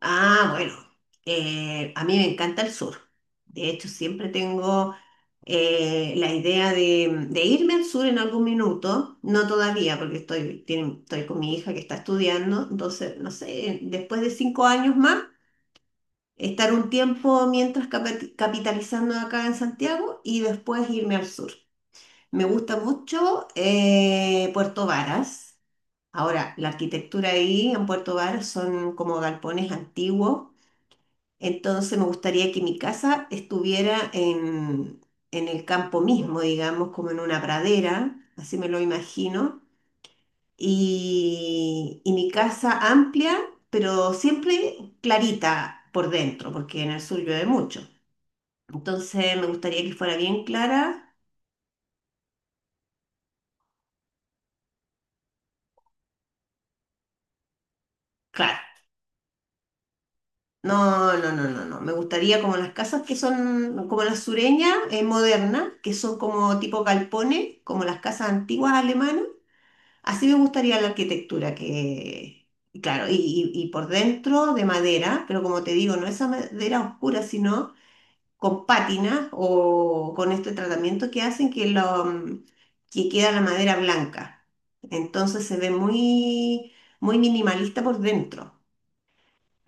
Ah, bueno, a mí me encanta el sur. De hecho, siempre tengo la idea de irme al sur en algún minuto, no todavía, porque estoy, estoy con mi hija que está estudiando. Entonces, no sé, después de cinco años más, estar un tiempo mientras capitalizando acá en Santiago y después irme al sur. Me gusta mucho Puerto Varas. Ahora, la arquitectura ahí en Puerto Varas son como galpones antiguos, entonces me gustaría que mi casa estuviera en el campo mismo, digamos, como en una pradera, así me lo imagino. Y mi casa amplia, pero siempre clarita por dentro, porque en el sur llueve mucho. Entonces me gustaría que fuera bien clara. Claro. No, no, no, no, no. Me gustaría como las casas que son como las sureñas, modernas, que son como tipo galpones, como las casas antiguas alemanas. Así me gustaría la arquitectura, que, claro, y por dentro de madera, pero como te digo, no esa madera oscura, sino con pátinas o con este tratamiento que hacen que, que queda la madera blanca. Entonces se ve muy minimalista por dentro.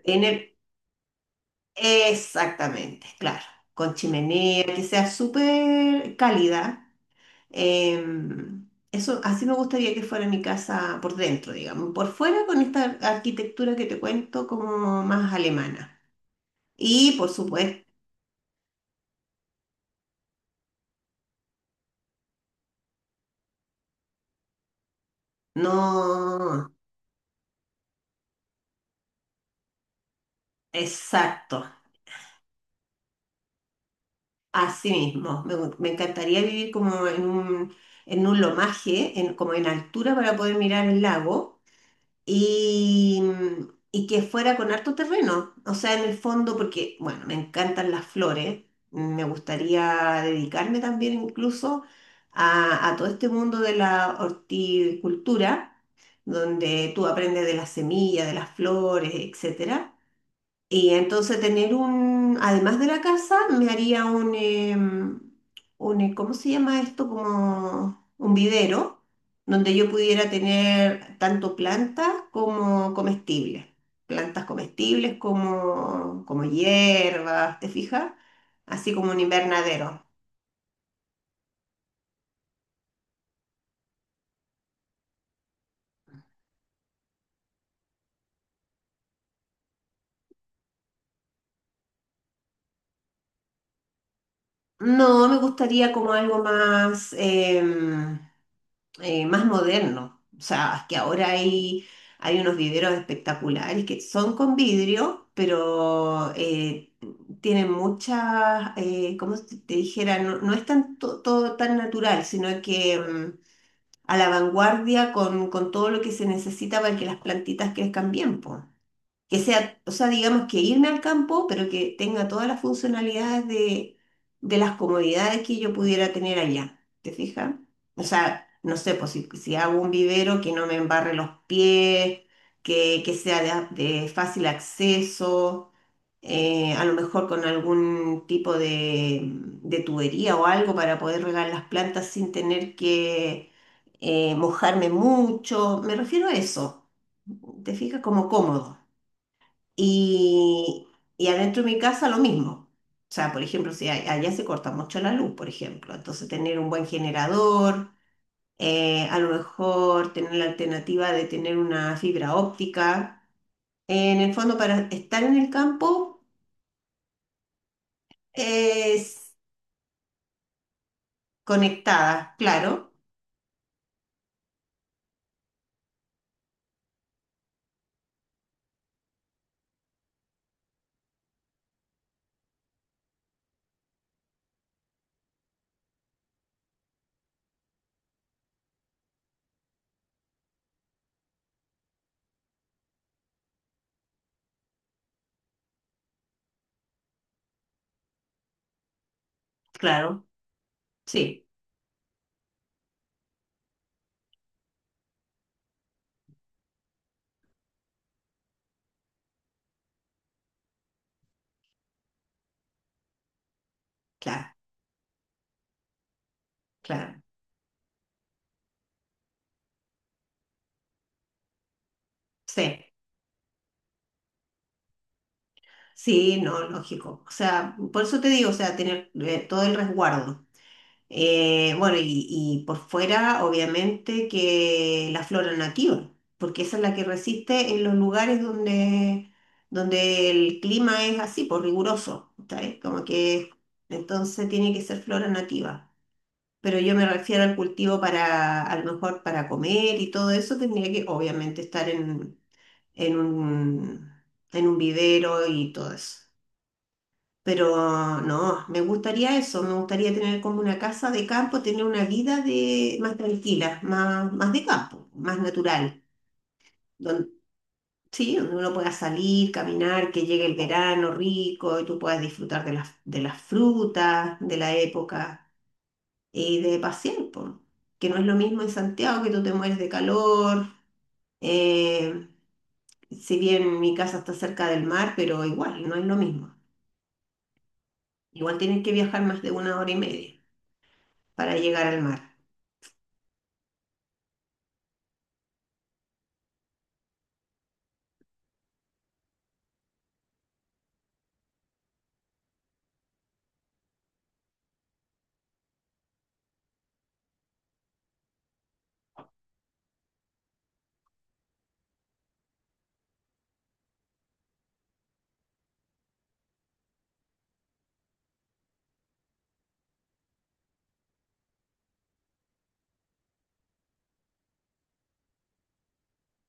En el, exactamente, claro, con chimenea, que sea súper cálida. Eso, así me gustaría que fuera mi casa por dentro, digamos, por fuera con esta arquitectura que te cuento como más alemana. Y por supuesto, no, exacto, así mismo. Me encantaría vivir como en un lomaje, como en altura para poder mirar el lago y, y que fuera con harto terreno. O sea, en el fondo, porque, bueno, me encantan las flores, me gustaría dedicarme también incluso a todo este mundo de la horticultura, donde tú aprendes de las semillas, de las flores, etcétera. Y entonces tener un, además de la casa, me haría un ¿cómo se llama esto? Como un vivero, donde yo pudiera tener tanto plantas como comestibles. Plantas comestibles como, como hierbas, ¿te fijas? Así como un invernadero. No, me gustaría como algo más, más moderno. O sea, que ahora hay unos viveros espectaculares que son con vidrio, pero tienen muchas, como si te dijera, no, no es tan, todo tan natural, sino que mm, a la vanguardia con todo lo que se necesita para que las plantitas crezcan bien, po, que sea, o sea, digamos que irme al campo, pero que tenga todas las funcionalidades de las comodidades que yo pudiera tener allá, ¿te fijas? O sea, no sé, pues si hago un vivero que no me embarre los pies, que sea de fácil acceso, a lo mejor con algún tipo de tubería o algo para poder regar las plantas sin tener que mojarme mucho, me refiero a eso, ¿te fijas? Como cómodo. Y, y adentro de mi casa lo mismo. O sea, por ejemplo, si allá se corta mucho la luz, por ejemplo. Entonces, tener un buen generador, a lo mejor tener la alternativa de tener una fibra óptica. En el fondo, para estar en el campo, es conectada, claro, claro, sí, claro, claro, sí. Sí, no, lógico. O sea, por eso te digo, o sea, tener todo el resguardo. Bueno, y por fuera, obviamente, que la flora nativa, porque esa es la que resiste en los lugares donde, donde el clima es así, por riguroso, ¿sabes? Como que entonces tiene que ser flora nativa. Pero yo me refiero al cultivo para, a lo mejor para comer y todo eso, tendría que obviamente estar en un, en un vivero y todo eso. Pero no, me gustaría eso, me gustaría tener como una casa de campo, tener una vida de, más tranquila, más, más de campo, más natural, donde, sí, donde uno pueda salir, caminar, que llegue el verano rico y tú puedas disfrutar de las frutas, de la época y de pasear, po. Que no es lo mismo en Santiago, que tú te mueres de calor, eh, si bien mi casa está cerca del mar, pero igual, no es lo mismo. Igual tienes que viajar más de una hora y media para llegar al mar.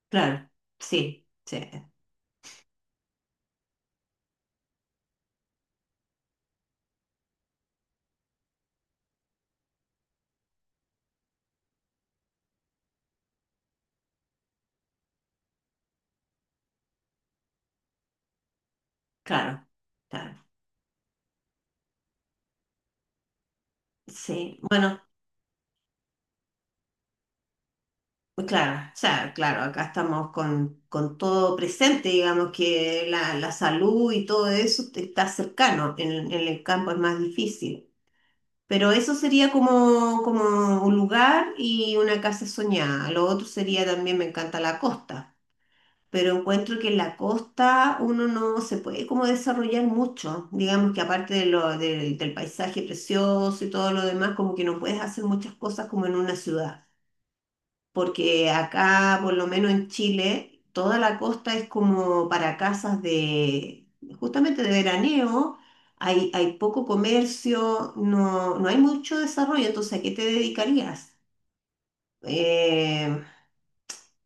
Claro, sí, sí, claro, claro. Sí, bueno, pues claro, o sea, claro, acá estamos con todo presente, digamos que la salud y todo eso está cercano, en el campo es más difícil. Pero eso sería como, como un lugar y una casa soñada. Lo otro sería también, me encanta la costa. Pero encuentro que en la costa uno no se puede como desarrollar mucho. Digamos que aparte de lo, del del paisaje precioso y todo lo demás, como que no puedes hacer muchas cosas como en una ciudad. Porque acá, por lo menos en Chile, toda la costa es como para casas de, justamente de veraneo. Hay poco comercio, no hay mucho desarrollo, entonces ¿a qué te dedicarías? Eh,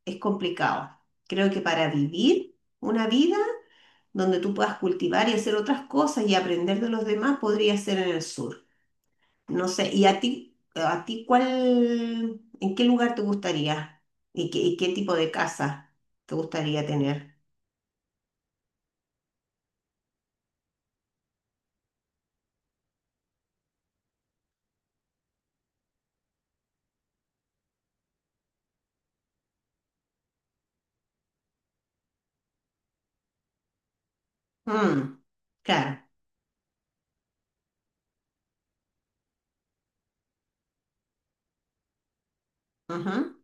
es complicado. Creo que para vivir una vida donde tú puedas cultivar y hacer otras cosas y aprender de los demás, podría ser en el sur. No sé, ¿y a ti cuál, en qué lugar te gustaría? ¿Y qué tipo de casa te gustaría tener? Mm, claro. Ujú,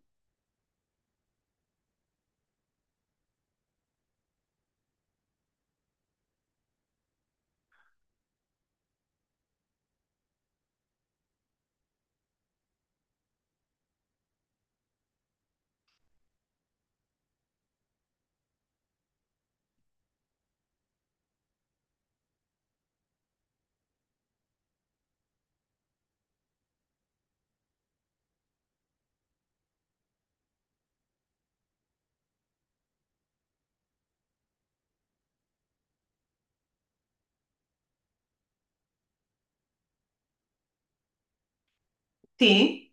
sí,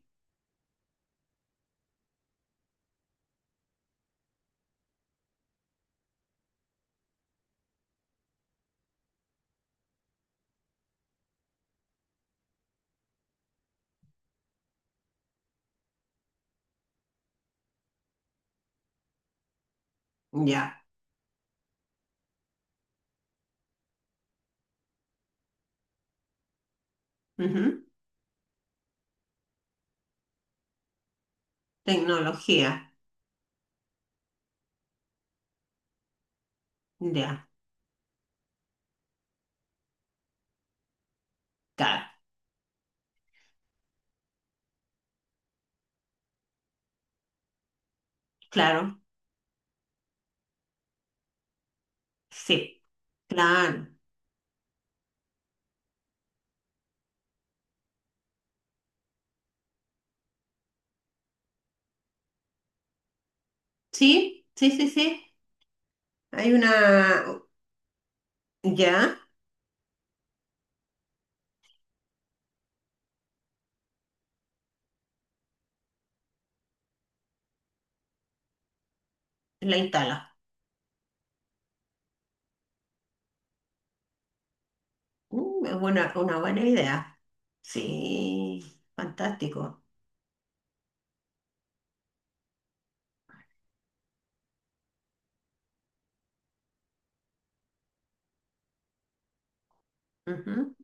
ya. Ujú, tecnología, ya. Claro, claro, sí, claro. Sí, sí, sí, sí. Hay una, ya, la instala. Mm, es buena una buena idea. Sí, fantástico. Ujú.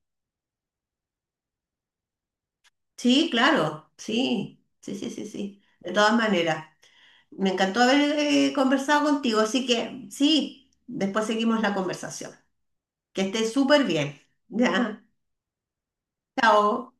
Sí, claro, sí, sí, sí, sí, sí. De todas maneras, me encantó haber conversado contigo, así que sí, después seguimos la conversación. Que estés súper bien. Ya, chao.